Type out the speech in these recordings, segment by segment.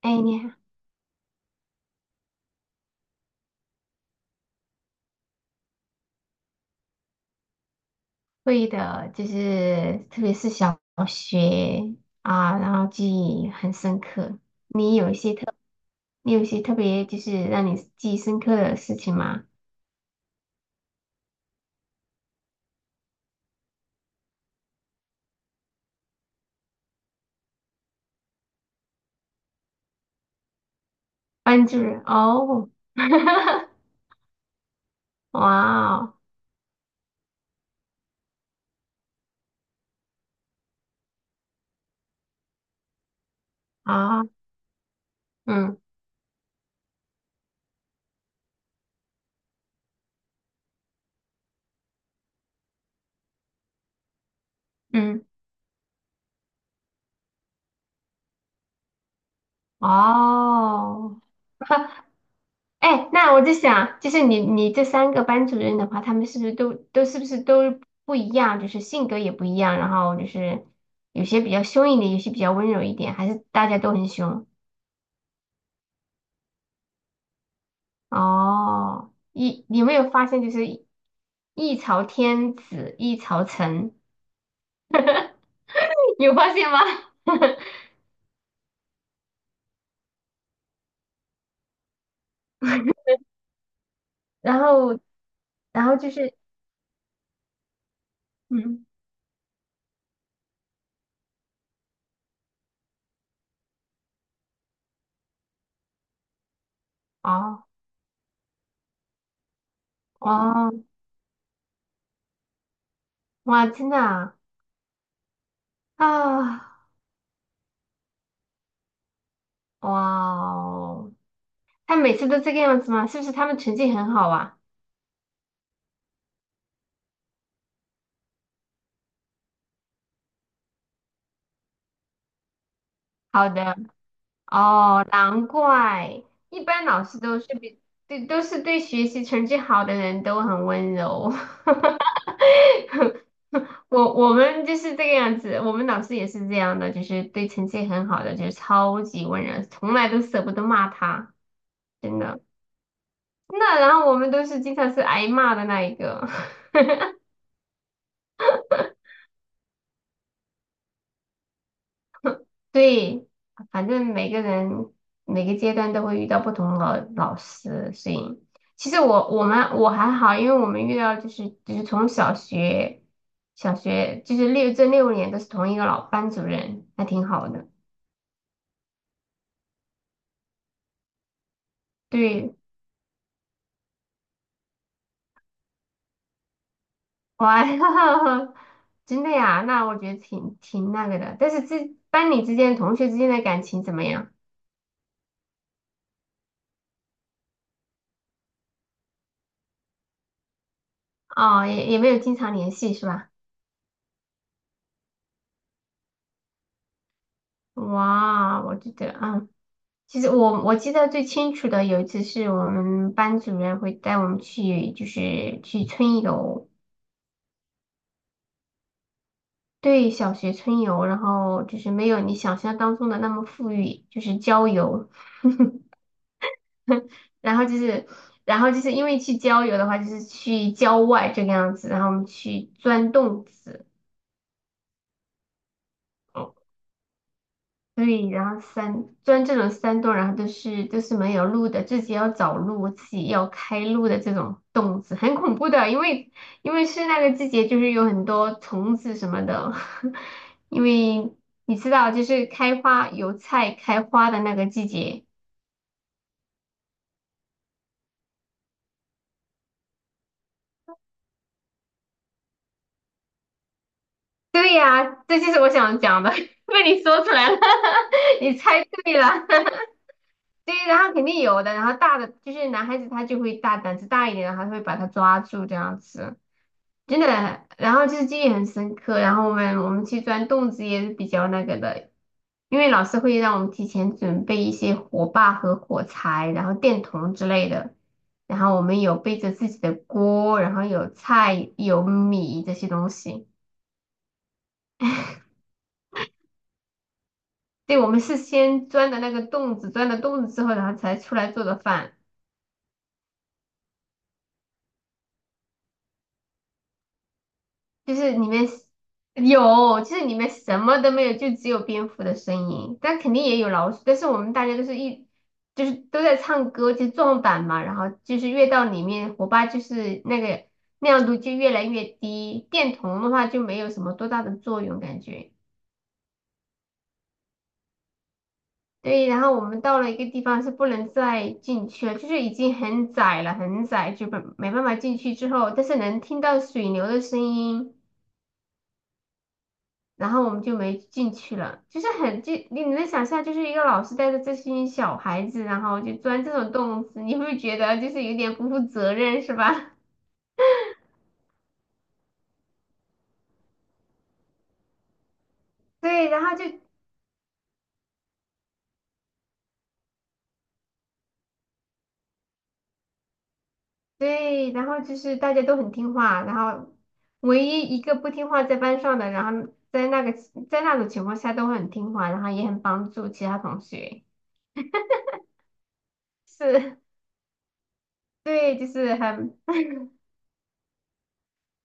哎，你还会的，就是特别是小学啊，然后记忆很深刻。你有一些特，你有一些特别就是让你记忆深刻的事情吗？班主任哦，哇哦啊，嗯嗯哦，哎，那我在想，就是你这三个班主任的话，他们是不是都不一样，就是性格也不一样，然后就是有些比较凶一点，有些比较温柔一点，还是大家都很凶？哦，你有没有发现就是一朝天子一朝臣，有发现吗？然后然后就是嗯，哦哦，哇，真的啊？啊，哇哦，他每次都这个样子吗？是不是他们成绩很好啊？好的，哦，难怪，一般老师都是比对，都是对学习成绩好的人都很温柔。我们就是这个样子，我们老师也是这样的，就是对成绩很好的，就是超级温柔，从来都舍不得骂他，真的。那然后我们都是经常是挨骂的那一个。对，反正每个人每个阶段都会遇到不同老师，所以其实我还好，因为我们遇到就是从小学就是这六年都是同一个老班主任，还挺好的。对，哇，真的呀，那我觉得挺那个的。但是这班里之间同学之间的感情怎么样？哦，也没有经常联系是吧？哇，我觉得啊，其实我记得最清楚的有一次是我们班主任会带我们去，就是去春游，对，小学春游，然后就是没有你想象当中的那么富裕，就是郊游，然后就是，然后就是因为去郊游的话，就是去郊外这个样子，然后我们去钻洞子。对，然后山，钻这种山洞，然后都是没有路的，自己要找路，自己要开路的这种洞子，很恐怖的，因为是那个季节，就是有很多虫子什么的，因为你知道，就是油菜开花的那个季节。对呀，这就是我想讲的，被你说出来了，你猜对了。对，然后肯定有的，然后大的就是男孩子他就会大胆子大一点，然后他会把它抓住这样子。真的，然后就是记忆很深刻。然后我们去钻洞子也是比较那个的，因为老师会让我们提前准备一些火把和火柴，然后电筒之类的。然后我们有背着自己的锅，然后有菜、有米这些东西。对，我们是先钻的那个洞子，钻了洞子之后，然后才出来做的饭。就是里面有，就是里面什么都没有，就只有蝙蝠的声音，但肯定也有老鼠。但是我们大家都是一，就是都在唱歌，就撞板嘛。然后就是越到里面，火把就是那个亮度就越来越低，电筒的话就没有什么多大的作用感觉。对，然后我们到了一个地方是不能再进去了，就是已经很窄了，很窄，就没办法进去之后，但是能听到水流的声音。然后我们就没进去了，就是你能想象，就是一个老师带着这些小孩子，然后就钻这种洞子，你会不会觉得就是有点不负责任，是吧？对，然后就对，然后就是大家都很听话，然后唯一一个不听话在班上的，然后在那种情况下都很听话，然后也很帮助其他同学，是，对，就是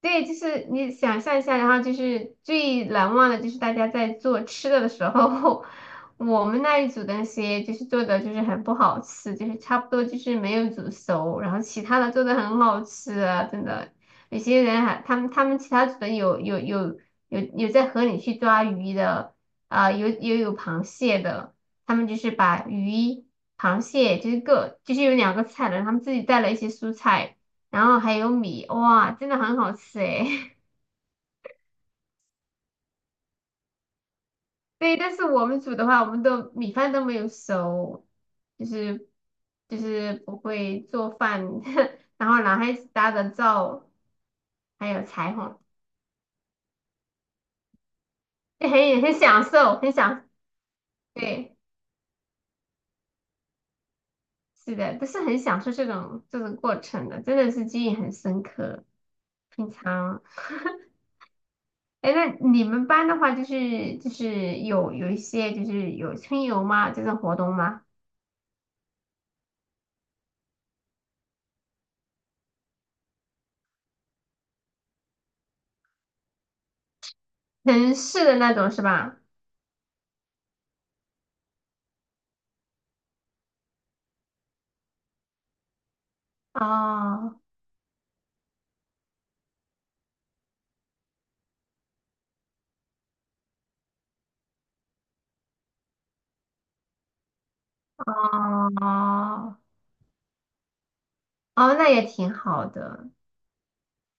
对，就是你想象一下，然后就是最难忘的，就是大家在做吃的的时候，我们那一组的那些就是做的就是很不好吃，就是差不多就是没有煮熟，然后其他的做的很好吃啊，真的。有些人还他们其他组的有在河里去抓鱼的，啊、有螃蟹的，他们就是把鱼、螃蟹就是各就是有两个菜的，然后他们自己带了一些蔬菜。然后还有米，哇，真的很好吃诶。对，但是我们煮的话，我们都米饭都没有熟，就是就是不会做饭，然后男孩子搭的灶，还有裁缝，很很享受，对，是的，都是很享受这种过程的，真的是记忆很深刻。平常，哎，那你们班的话，就是有一些就是有春游吗？这种活动吗？城市的那种是吧？哦哦哦，那也挺好的。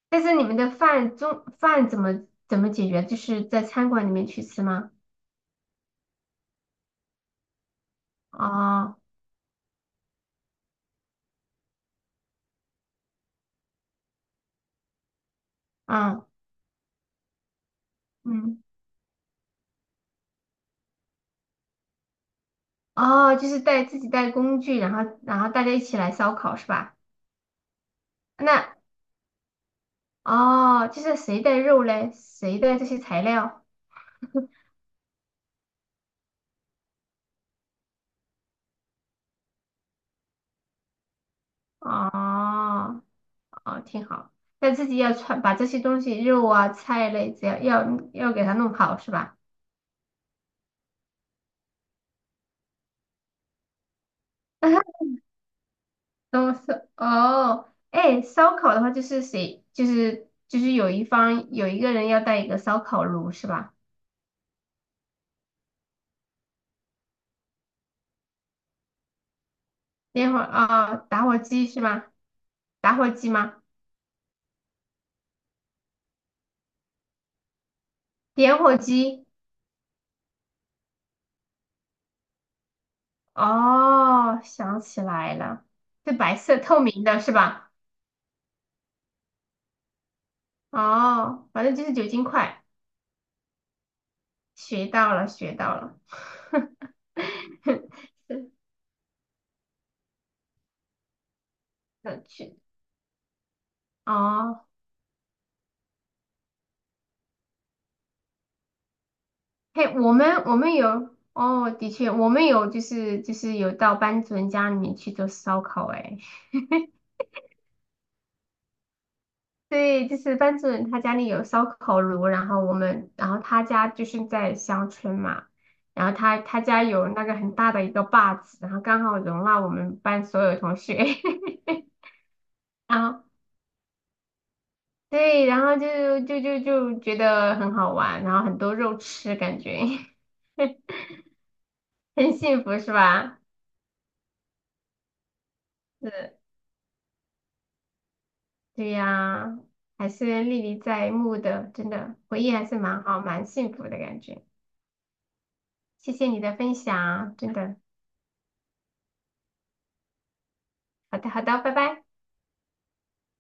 但是你们的中饭怎么解决？就是在餐馆里面去吃吗？哦，嗯嗯，哦，就是带自己带工具，然后大家一起来烧烤是吧？那哦，就是谁带肉嘞？谁带这些材料？哦哦，挺好。但自己要穿，把这些东西肉啊菜类，只要给它弄好是吧？都是哦，哎，烧烤的话就是谁，就是有一个人要带一个烧烤炉是吧？点火啊、打火机是吗？打火机吗？点火机，哦，想起来了，是白色透明的是吧？哦，反正就是酒精块，学到了，学到了，是，那去，哦。嘿，我们有哦，的确，我们有就是有到班主任家里面去做烧烤，哎，对，就是班主任他家里有烧烤炉，然后我们然后他家就是在乡村嘛，然后他家有那个很大的一个坝子，然后刚好容纳我们班所有同学，然后对，然后就就就就觉得很好玩，然后很多肉吃，感觉 很幸福，是吧？是。对呀，还是历历在目的，真的回忆还是蛮好，蛮幸福的感觉。谢谢你的分享，真的。好的，好的，拜拜。